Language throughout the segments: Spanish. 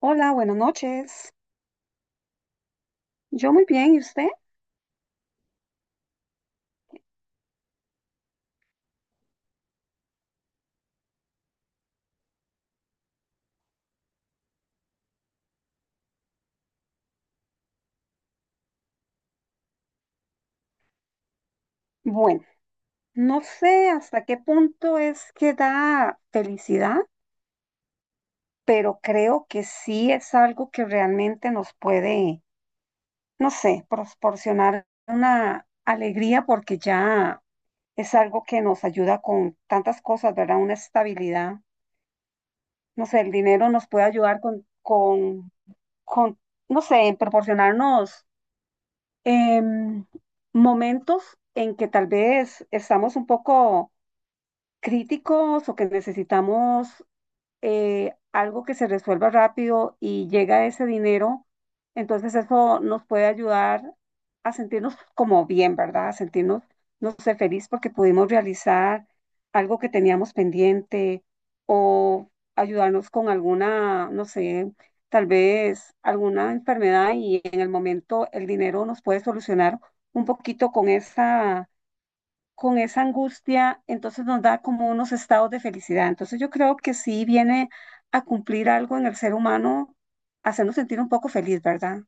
Hola, buenas noches. Yo muy bien, ¿y usted? Bueno, no sé hasta qué punto es que da felicidad, pero creo que sí es algo que realmente nos puede, no sé, proporcionar una alegría porque ya es algo que nos ayuda con tantas cosas, ¿verdad? Una estabilidad. No sé, el dinero nos puede ayudar con no sé, en proporcionarnos em, momentos en que tal vez estamos un poco críticos o que necesitamos algo que se resuelva rápido y llega ese dinero, entonces eso nos puede ayudar a sentirnos como bien, ¿verdad? A sentirnos, no sé, feliz porque pudimos realizar algo que teníamos pendiente o ayudarnos con alguna, no sé, tal vez alguna enfermedad y en el momento el dinero nos puede solucionar un poquito con esa angustia, entonces nos da como unos estados de felicidad. Entonces yo creo que sí viene a cumplir algo en el ser humano, hacernos sentir un poco feliz, ¿verdad?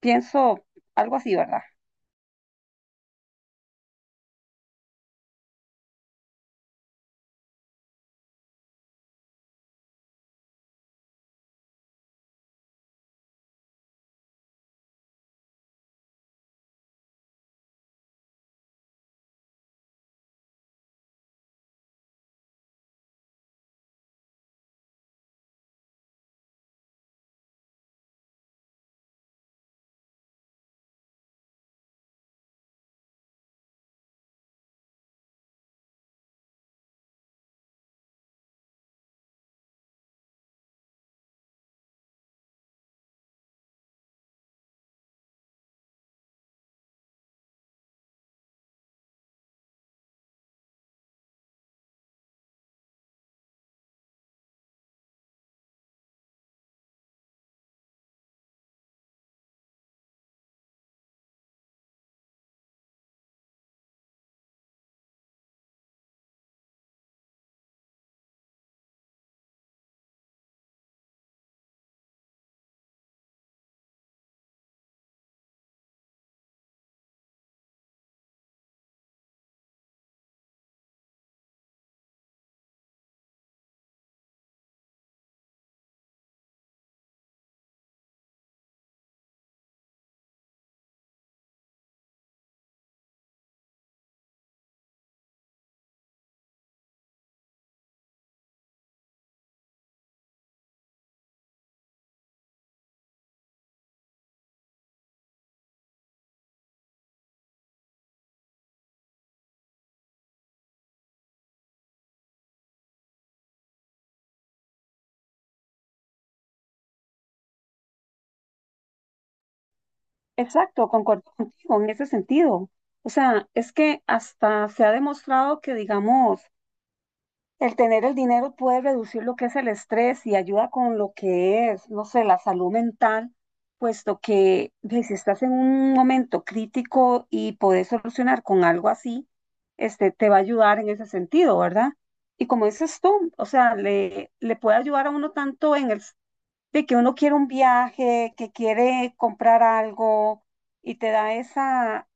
Pienso algo así, ¿verdad? Exacto, concuerdo contigo en ese sentido. O sea, es que hasta se ha demostrado que, digamos, el tener el dinero puede reducir lo que es el estrés y ayuda con lo que es, no sé, la salud mental, puesto que ve, si estás en un momento crítico y podés solucionar con algo así, este, te va a ayudar en ese sentido, ¿verdad? Y como dices tú, o sea, le puede ayudar a uno tanto en el s- de que uno quiere un viaje, que quiere comprar algo y te da esa,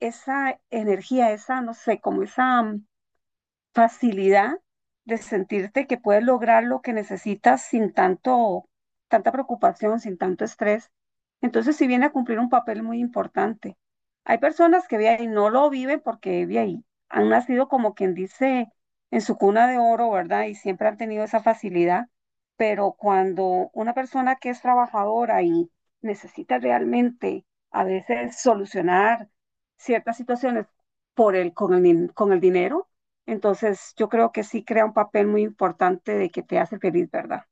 esa energía, esa, no sé, como esa facilidad de sentirte que puedes lograr lo que necesitas sin tanto, tanta preocupación, sin tanto estrés. Entonces, sí viene a cumplir un papel muy importante. Hay personas que ve ahí, no lo viven porque ve ahí, han nacido como quien dice en su cuna de oro, ¿verdad? Y siempre han tenido esa facilidad, pero cuando una persona que es trabajadora y necesita realmente a veces solucionar ciertas situaciones por el, con el, din- con el dinero, entonces, yo creo que sí crea un papel muy importante de que te hace feliz, ¿verdad?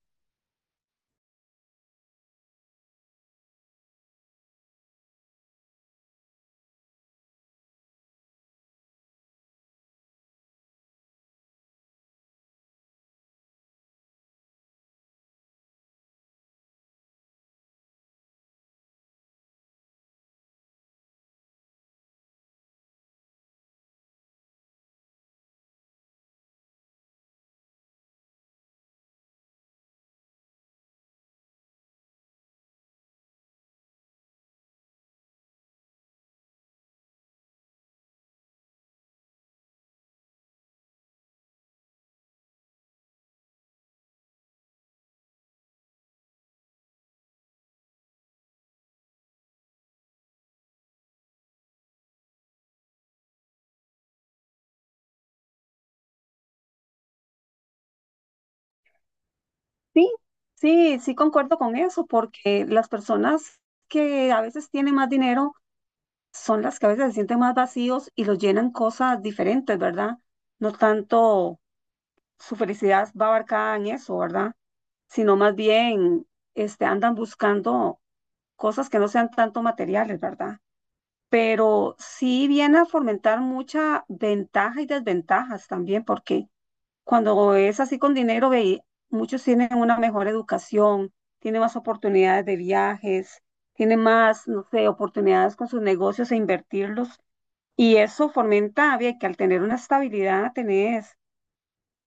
Sí, sí, sí concuerdo con eso, porque las personas que a veces tienen más dinero son las que a veces se sienten más vacíos y los llenan cosas diferentes, ¿verdad? No tanto su felicidad va abarcada en eso, ¿verdad? Sino más bien este, andan buscando cosas que no sean tanto materiales, ¿verdad? Pero sí viene a fomentar mucha ventaja y desventajas también, porque cuando es así con dinero, ve, muchos tienen una mejor educación, tienen más oportunidades de viajes, tienen más, no sé, oportunidades con sus negocios e invertirlos, y eso fomenta, ve, que al tener una estabilidad tenés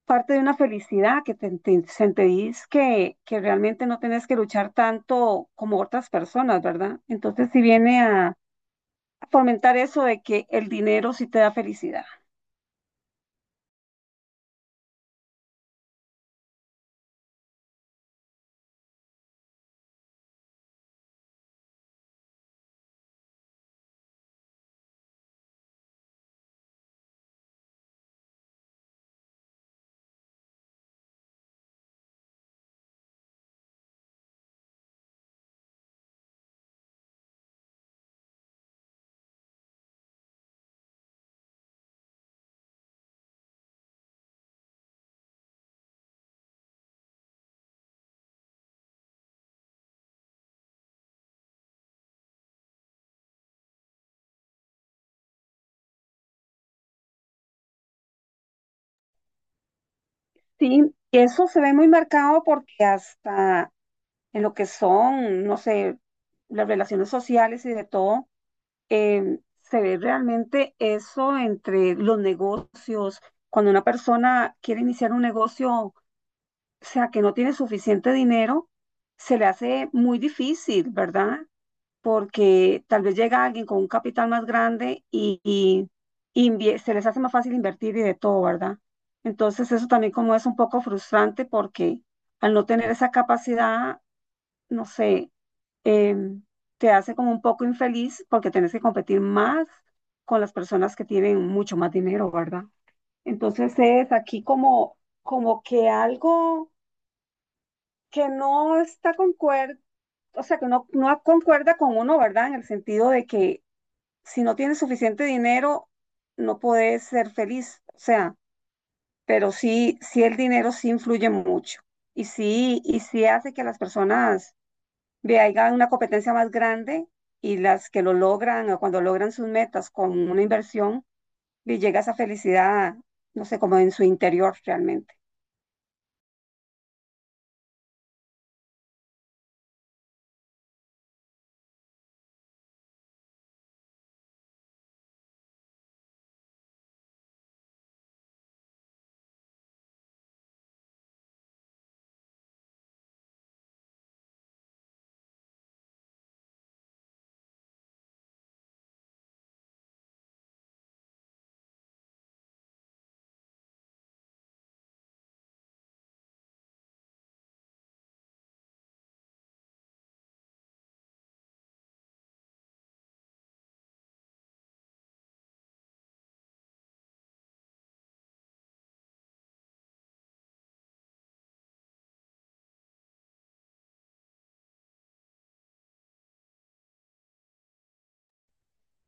parte de una felicidad que te sentís que realmente no tenés que luchar tanto como otras personas, ¿verdad? Entonces, si viene a fomentar eso de que el dinero sí te da felicidad. Sí, eso se ve muy marcado porque hasta en lo que son, no sé, las relaciones sociales y de todo, se ve realmente eso entre los negocios. Cuando una persona quiere iniciar un negocio, o sea, que no tiene suficiente dinero, se le hace muy difícil, ¿verdad? Porque tal vez llega alguien con un capital más grande y invie- se les hace más fácil invertir y de todo, ¿verdad? Entonces eso también como es un poco frustrante porque al no tener esa capacidad, no sé, em, te hace como un poco infeliz porque tienes que competir más con las personas que tienen mucho más dinero, ¿verdad? Entonces es aquí como, como que algo que no está concuer, o sea, que no concuerda con uno, ¿verdad? En el sentido de que si no tienes suficiente dinero, no puedes ser feliz. O sea, pero sí, sí el dinero sí influye mucho y sí hace que las personas vean una competencia más grande y las que lo logran o cuando logran sus metas con una inversión, y llega esa felicidad, no sé, como en su interior realmente.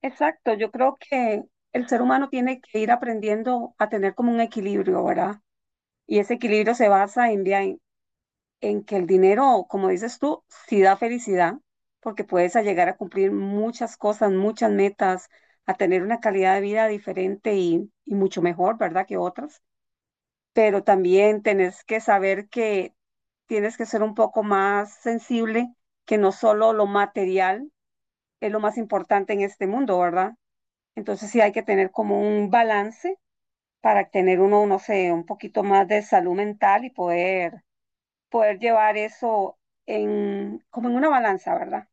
Exacto, yo creo que el ser humano tiene que ir aprendiendo a tener como un equilibrio, ¿verdad? Y ese equilibrio se basa en, vea, en que el dinero, como dices tú, sí da felicidad, porque puedes a llegar a cumplir muchas cosas, muchas metas, a tener una calidad de vida diferente y mucho mejor, ¿verdad? Que otras. Pero también tenés que saber que tienes que ser un poco más sensible, que no solo lo material es lo más importante en este mundo, ¿verdad? Entonces sí hay que tener como un balance para tener uno, no sé, un poquito más de salud mental y poder llevar eso en, como en una balanza, ¿verdad?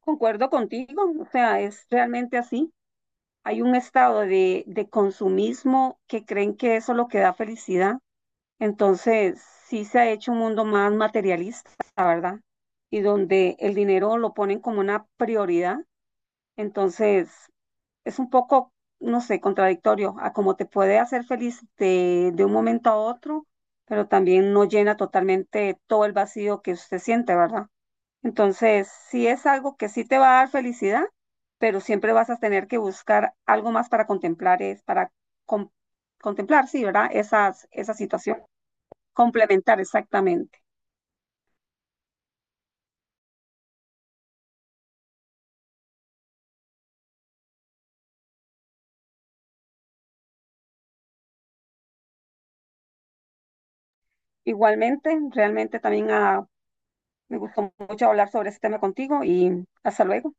Concuerdo contigo, o sea, es realmente así. Hay un estado de consumismo que creen que eso es lo que da felicidad. Entonces, sí se ha hecho un mundo más materialista, ¿verdad? Y donde el dinero lo ponen como una prioridad. Entonces, es un poco, no sé, contradictorio a cómo te puede hacer feliz de un momento a otro, pero también no llena totalmente todo el vacío que usted siente, ¿verdad? Entonces, sí es algo que sí te va a dar felicidad, pero siempre vas a tener que buscar algo más para contemplar, es para con- contemplar, sí, ¿verdad? Esas, esa situación, complementar exactamente. Igualmente, realmente también me gustó mucho hablar sobre este tema contigo y hasta luego.